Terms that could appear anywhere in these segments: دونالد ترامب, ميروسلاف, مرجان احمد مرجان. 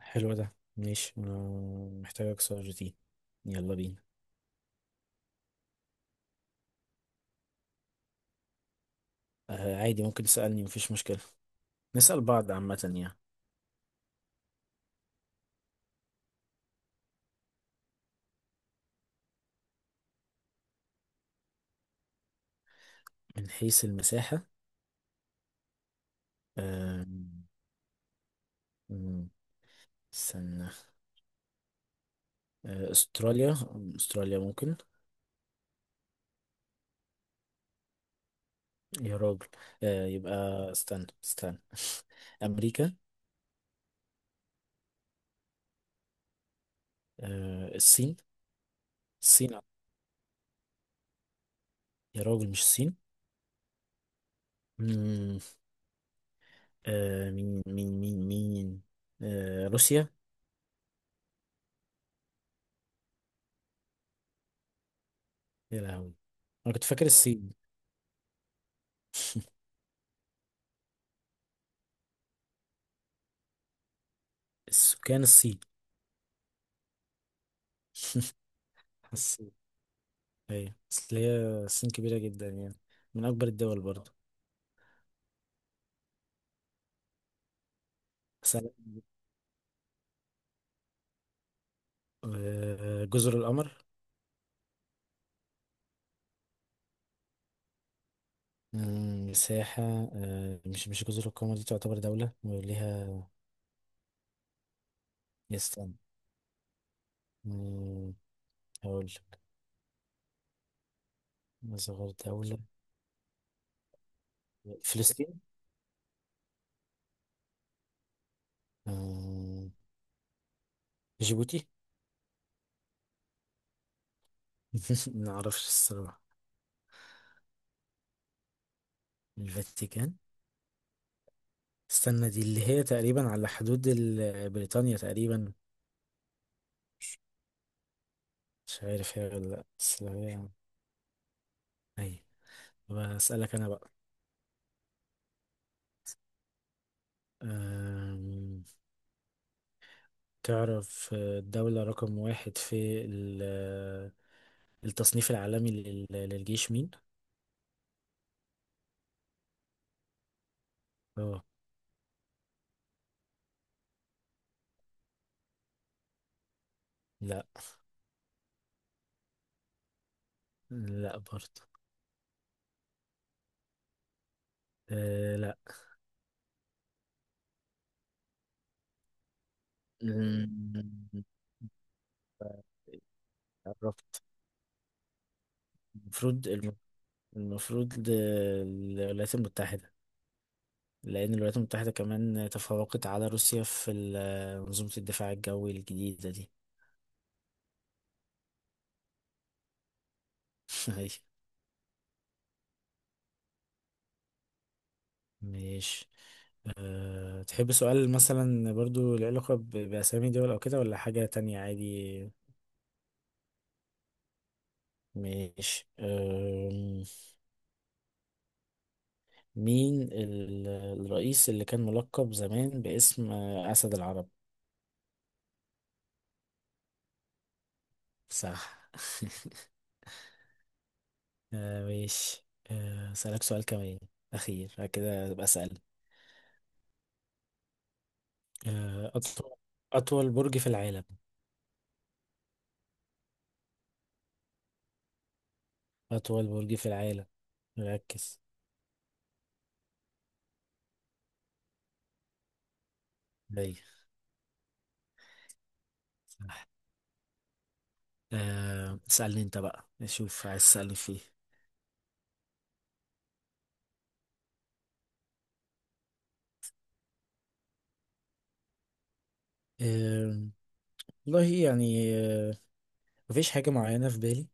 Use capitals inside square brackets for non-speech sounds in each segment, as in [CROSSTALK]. حلو، ده ماشي. أنا محتاجك سؤالتين. يلا بينا. آه، عادي، ممكن تسألني، مفيش مشكلة. نسأل بعض عامة يعني. من حيث المساحة؟ آه مم، استنى. أستراليا، أستراليا ممكن. يا راجل. يبقى استنى استنى. [LAUGHS] أمريكا. آه، الصين. الصين. يا راجل، مش الصين. مم، مين مين مين مين، روسيا. يا لهوي. أنا كنت فاكر الصين. السكان؟ الصين. [LAUGHS] بس ايوه، اصل هي الصين كبيرة جدا يعني، من أكبر الدول برضه. بس أنا-، جزر القمر. مساحة. مش جزر القمر، دي تعتبر دولة وليها. يستنى. مم، هقول لك. أصغر دولة. فلسطين؟ آه، جيبوتي. [LAUGHS] معرفش الصراحة. الفاتيكان. استنى، دي اللي هي تقريبا على حدود بريطانيا تقريبا. مش عارف هي ولا لأ، بس لو هي. أيوة. بسألك أنا بقى. آم، تعرف، الدولة رقم واحد في التصنيف العالمي للجيش مين؟ اه. لا. لا برضه. آه، لا. مم، قربت. المفروض الم- المفروض الولايات المتحدة، لأن الولايات المتحدة كمان تفوقت على روسيا في منظومة الدفاع الجوي الجديدة دي. [LAUGHS] أيوة. ماشي. تحب سؤال مثلا برضو له علاقة بأسامي دول أو كده، ولا حاجة تانية عادي؟ ماشي. مين الرئيس اللي كان ملقب زمان باسم أسد العرب؟ صح. [LAUGHS] ماشي. أسألك سؤال كمان أخير، بعد كده أبقى أسأل. أطول، أطول برج في العالم. أطول برج في العالم، ركز. أيوة. صح. اسألني أنت بقى نشوف عايز تسألني فيه. والله يعني، مفيش حاجة معينة في بالي،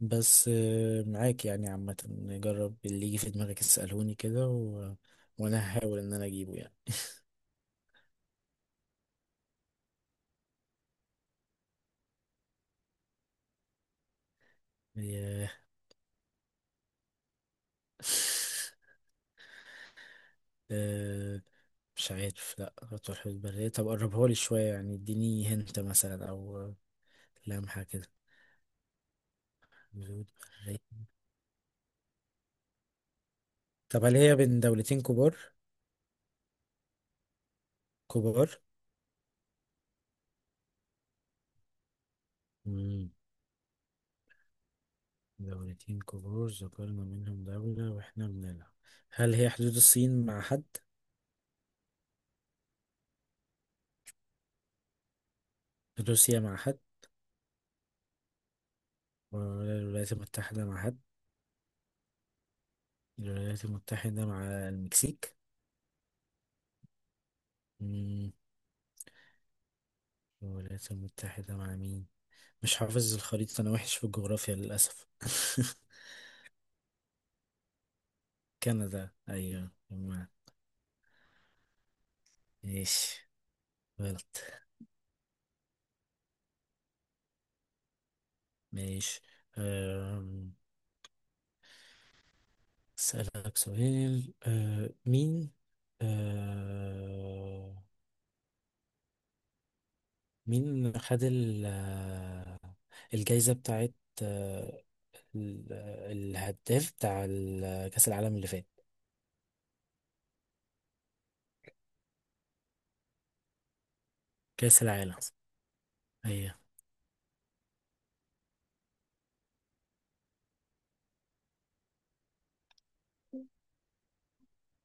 بس معاك يعني عامة، نجرب اللي يجي في دماغك اسألوني كده، و... وأنا هحاول إن أنا أجيبه يعني. آه، [LAUGHS] آه، مش عارف، لأ هتروح في البرية، طب قربها لي شوية، يعني اديني هنت مثلا أو لمحة كده. حدود برية. طب هل هي بين دولتين كبار؟ كبار. مم. دولتين كبار ذكرنا منهم دولة وإحنا بنلعب. هل هي حدود الصين مع حد؟ روسيا مع حد؟ ولا الولايات المتحدة مع حد؟ الولايات المتحدة مع المكسيك؟ مم. الولايات المتحدة مع مين؟ مش حافظ الخريطة، أنا وحش في الجغرافيا للأسف. [LAUGHS] كندا، أيوة. ماشي. غلط. ماشي. أم، أسألك سؤال. أه، مين خد الجايزة بتاعت أه، ال- آه، الهداف بتاع كأس العالم اللي فات؟ كأس العالم، أيوة.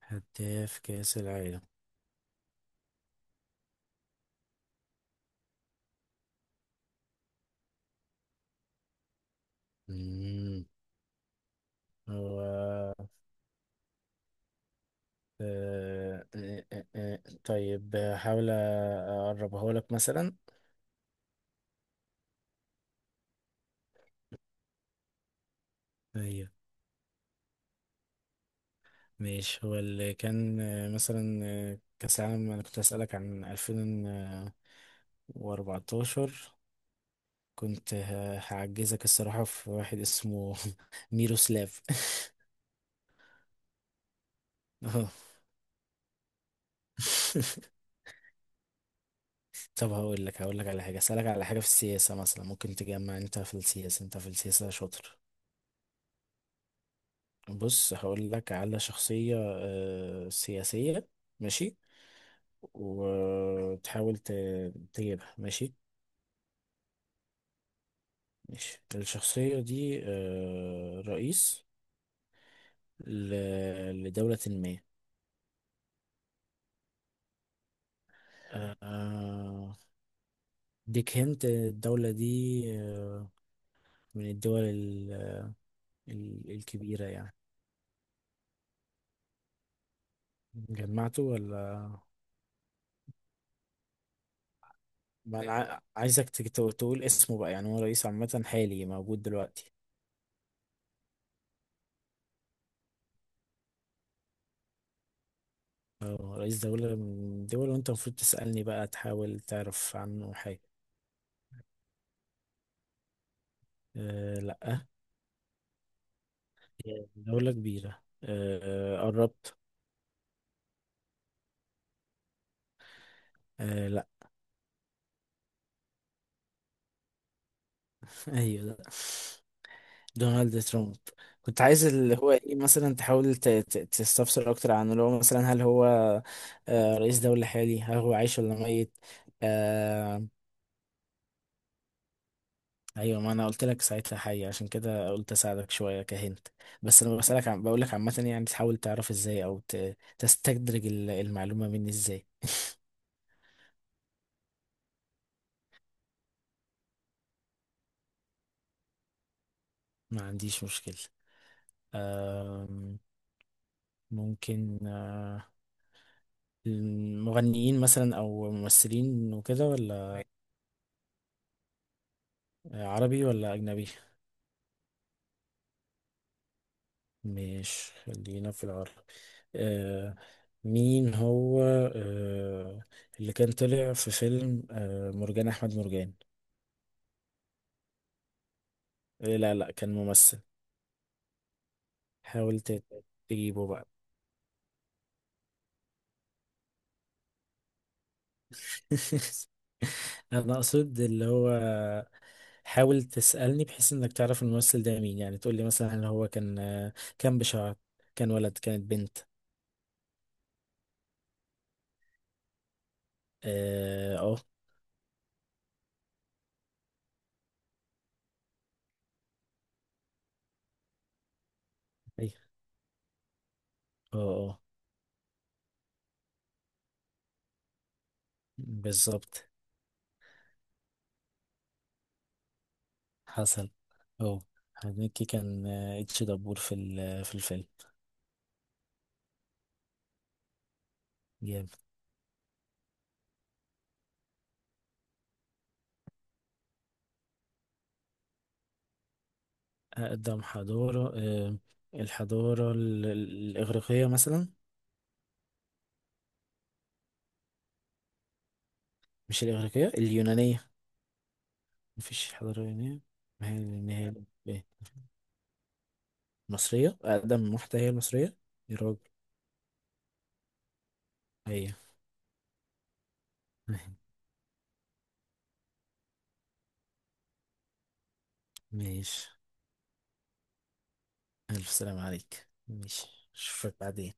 هداف كأس العالم. مم. و... آه، آه، آه، آه. طيب هحاول أقربه لك مثلا. أيوة. ماشي، هو اللي كان مثلا كأس العالم أنا كنت أسألك عن 2014، كنت هعجزك الصراحة، في واحد اسمه [LAUGHS] ميروسلاف. [LAUGHS] اه. [LAUGHS] طب هقول لك على حاجة، اسألك على حاجة في السياسة مثلا، ممكن تجمع. انت في السياسة شاطر. بص هقول لك على شخصية سياسية. ماشي. وتحاول تجيبها، ماشي. ماشي، الشخصية دي رئيس لدولة ما. آه، آه، ديك هنت الدولة دي آه، من الدول الكبيرة يعني. جمعته ولا؟ ما فاهم انا، عايزك تقول اسمه بقى، يعني هو رئيس عامة حالي موجود دلوقتي. اه، رئيس دولة من دول، وانت المفروض تسألني بقى تحاول تعرف عنه حاجة. أه، لا. دولة كبيرة، قربت. أه، لا. [LAUGHS] ايوه، لا، دونالد ترامب. كنت عايز اللي هو ايه، مثلا تحاول تستفسر اكتر عنه، اللي هو مثلا هل هو رئيس دولة حالي، هل هو عايش ولا ميت؟ آه، ايوه، ما انا قلت لك ساعتها حي، عشان كده قلت اساعدك شويه كهنت. بس انا بسالك، عم بقول لك عامه يعني، تحاول تعرف ازاي او تستدرج المعلومه مني ازاي. ما عنديش مشكله. أم، ممكن المغنيين مثلا او ممثلين وكده، ولا؟ عربي ولا اجنبي؟ مش، خلينا في العربي. أه، مين هو أه، اللي كان طلع في فيلم مرجان احمد مرجان؟ إيه، لا لا، كان ممثل. حاول تجيبه بقى. [LAUGHS] انا اقصد اللي هو، حاول تسألني بحيث انك تعرف الممثل ده مين، يعني تقول لي مثلا هل هو كان بشعر، كان ولد، كانت بنت. اه، اه. أيوة. اه. آه. بالظبط. حصل. اه، هنيكي كان اتش دبور في الفيلم. جامد. اقدم حضارة، الحضارة الاغريقية مثلا. مش الاغريقية، اليونانية. مفيش حضارة يونانية، ما هي اليونانية. مصرية، أقدم واحدة هي المصرية؟ يا راجل، هي. [LAUGHS] ماشي، ألف سلام عليك، ماشي. أشوفك بعدين.